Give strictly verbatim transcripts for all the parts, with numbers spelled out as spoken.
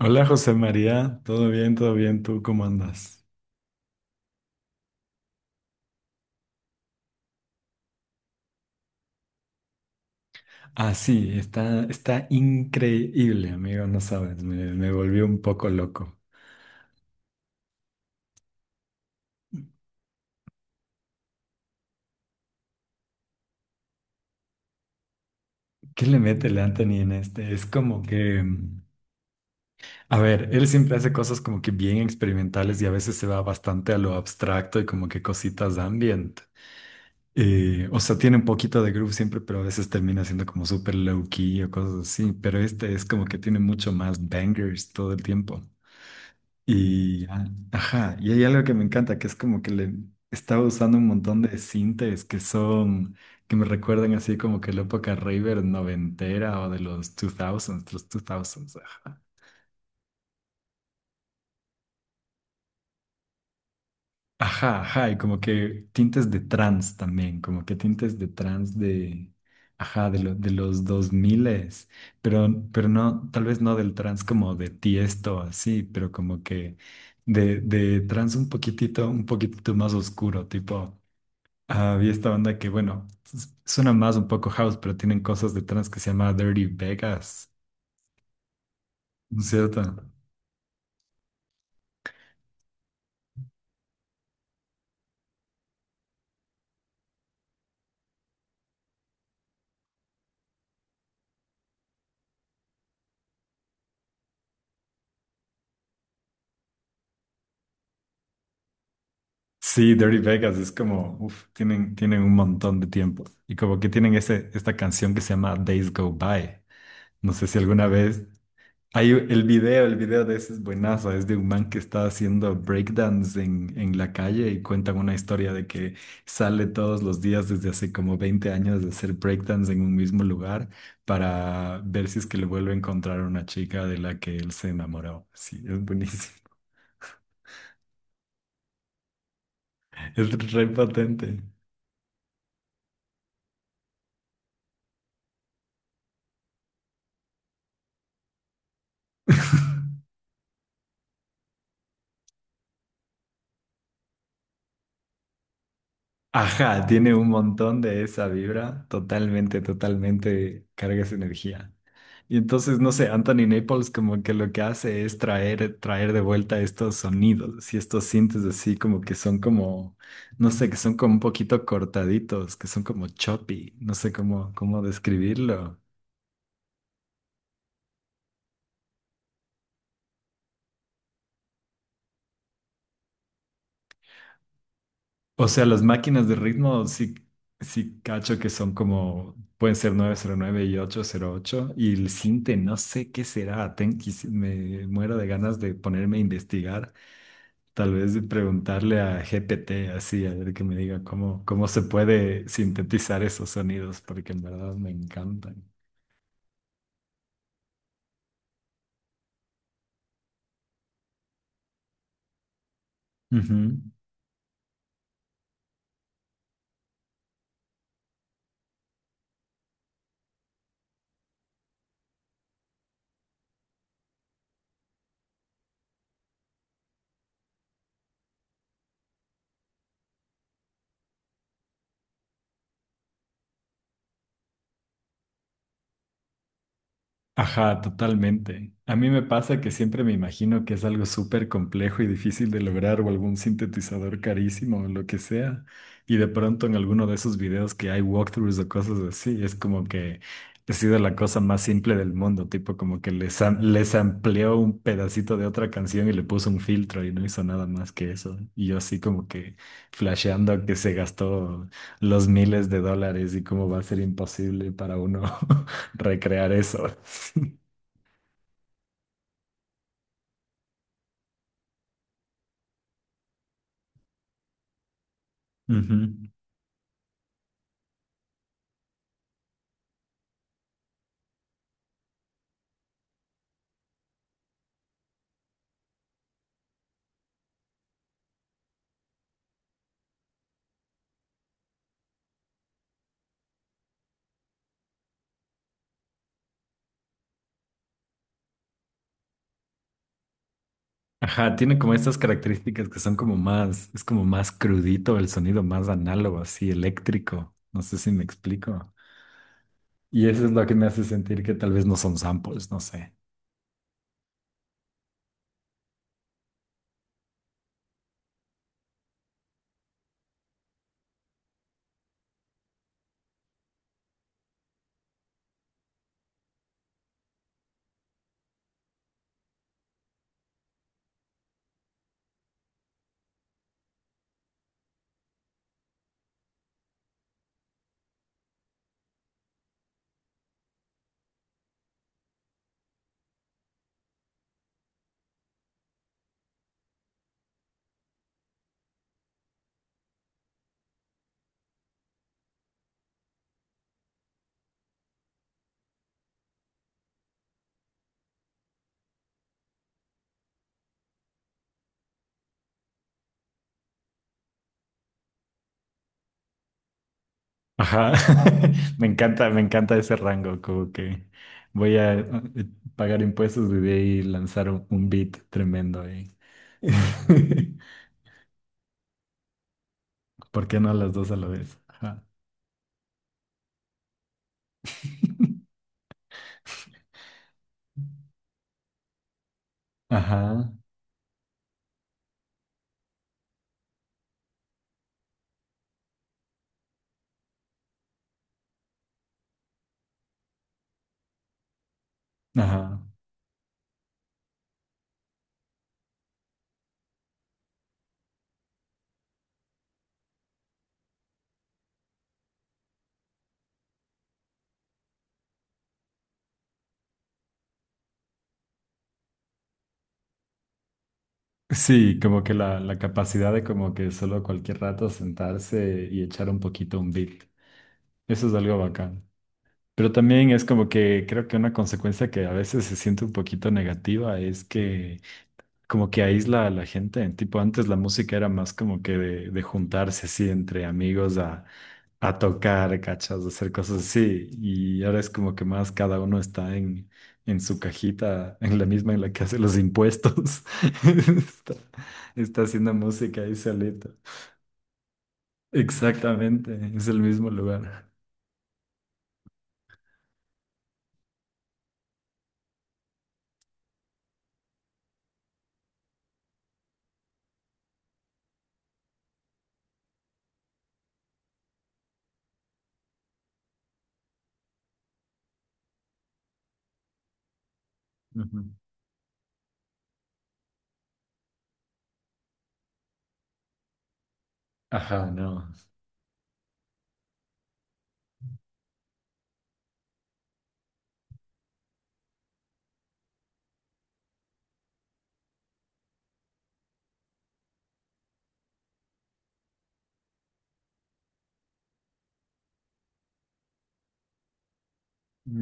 Hola José María, todo bien, todo bien, ¿tú cómo andas? Ah, sí, está, está increíble, amigo, no sabes, me, me volvió un poco loco. ¿Qué le mete el Anthony en este? Es como que, mm, a ver, él siempre hace cosas como que bien experimentales y a veces se va bastante a lo abstracto y como que cositas ambient. Eh, o sea, tiene un poquito de groove siempre, pero a veces termina siendo como súper low key o cosas así, pero este es como que tiene mucho más bangers todo el tiempo. Y, ah, ajá, y hay algo que me encanta, que es como que le estaba usando un montón de sintes que son, que me recuerdan así como que la época raver noventera o de los dos miles, los dos miles, ajá. Ajá, ajá, y como que tintes de trans también, como que tintes de trans de, ajá, de, lo- de los dos s pero, pero no, tal vez no del trans como de Tiesto así, pero como que de, de trans un poquitito, un poquitito más oscuro, tipo. Había esta banda que, bueno, s- suena más un poco house, pero tienen cosas de trance que se llama Dirty Vegas, ¿no es cierto? Sí, Dirty Vegas es como, uff, tienen, tienen un montón de tiempo. Y como que tienen ese, esta canción que se llama Days Go By. No sé si alguna vez. Hay el video, el video de ese es buenazo, es de un man que está haciendo breakdance en, en la calle y cuentan una historia de que sale todos los días desde hace como veinte años de hacer breakdance en un mismo lugar para ver si es que le vuelve a encontrar una chica de la que él se enamoró. Sí, es buenísimo. Es re potente. Ajá, tiene un montón de esa vibra, totalmente, totalmente carga esa energía. Y entonces, no sé, Anthony Naples como que lo que hace es traer, traer de vuelta estos sonidos y estos sintes así como que son como, no sé, que son como un poquito cortaditos, que son como choppy, no sé cómo, cómo describirlo. O sea, las máquinas de ritmo sí, sí cacho que son como, pueden ser nueve cero nueve y ocho cero ocho. Y el sinte, no sé qué será. Ten- quisi- me muero de ganas de ponerme a investigar. Tal vez de preguntarle a G P T así, a ver que me diga cómo, cómo se puede sintetizar esos sonidos, porque en verdad me encantan. Ajá, totalmente. A mí me pasa que siempre me imagino que es algo súper complejo y difícil de lograr o algún sintetizador carísimo o lo que sea. Y de pronto en alguno de esos videos que hay walkthroughs o cosas así, es como que ha sido la cosa más simple del mundo, tipo como que les, am- les amplió un pedacito de otra canción y le puso un filtro y no hizo nada más que eso. Y yo así como que flasheando que se gastó los miles de dólares y cómo va a ser imposible para uno. Recrear eso. Ujú. Ajá, tiene como estas características que son como más, es como más crudito el sonido, más análogo, así eléctrico. No sé si me explico. Y eso es lo que me hace sentir que tal vez no son samples, no sé. Ajá, me encanta, me encanta ese rango, como que voy a eh, pagar impuestos y de ahí lanzar un, un beat tremendo ahí. ¿Por qué no las dos a la vez? Ajá, ajá, ajá. Sí, como que la, la capacidad de como que solo cualquier rato sentarse y echar un poquito un beat. Eso es algo bacán. Pero también es como que creo que una consecuencia que a veces se siente un poquito negativa es que como que aísla a la gente. Tipo, antes la música era más como que de, de juntarse así entre amigos a, a tocar, cachas, a hacer cosas así. Y ahora es como que más cada uno está en, en su cajita, en la misma en la que hace los impuestos. Está, está haciendo música ahí solito. Exactamente, es el mismo lugar. Ujú. Ajá, no.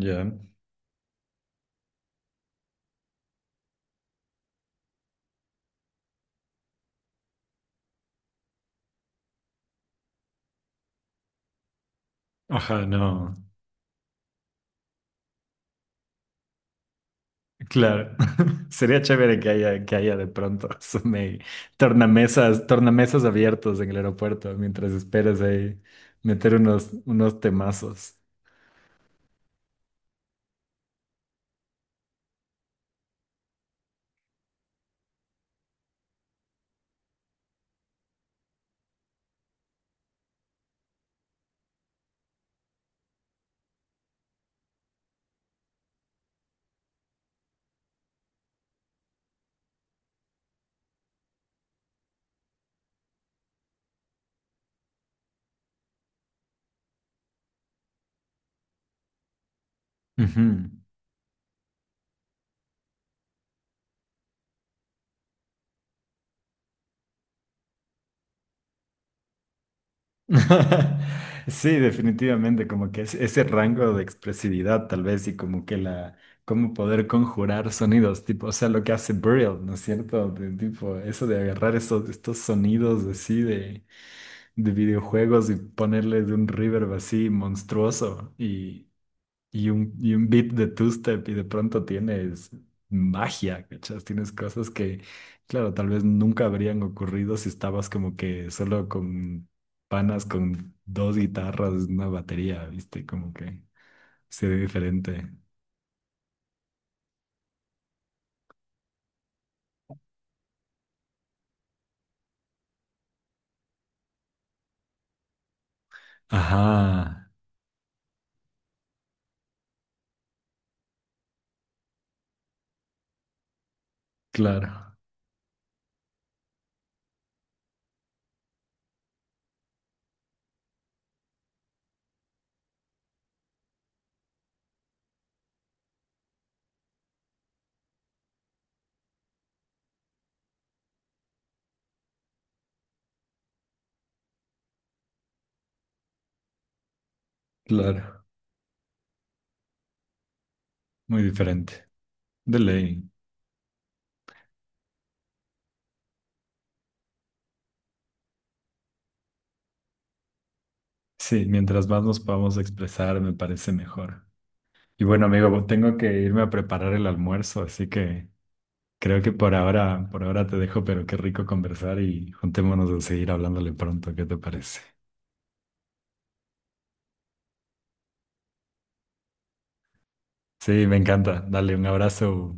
Ya. Ajá, no. Claro, sería chévere que haya, que haya de pronto eso me- tornamesas, tornamesas abiertos en el aeropuerto mientras esperas ahí meter unos, unos temazos. Ujú. Sí, definitivamente, como que es- ese rango de expresividad tal vez y como que la, cómo poder conjurar sonidos, tipo, o sea, lo que hace Burial, ¿no es cierto? De tipo, eso de agarrar esos, estos sonidos así de de videojuegos y ponerle de un reverb así monstruoso y, y un, y un beat de two-step y de pronto tienes magia, ¿cachas? Tienes cosas que, claro, tal vez nunca habrían ocurrido si estabas como que solo con panas, con dos guitarras, una batería, ¿viste? Como que se ve diferente. Ajá, claro, claro, muy diferente. De ley. Sí, mientras más nos podamos expresar, me parece mejor. Y bueno, amigo, tengo que irme a preparar el almuerzo, así que. Creo que por ahora, por ahora te dejo, pero qué rico conversar y juntémonos a seguir hablándole pronto, ¿qué te parece? Sí, me encanta. Dale un abrazo.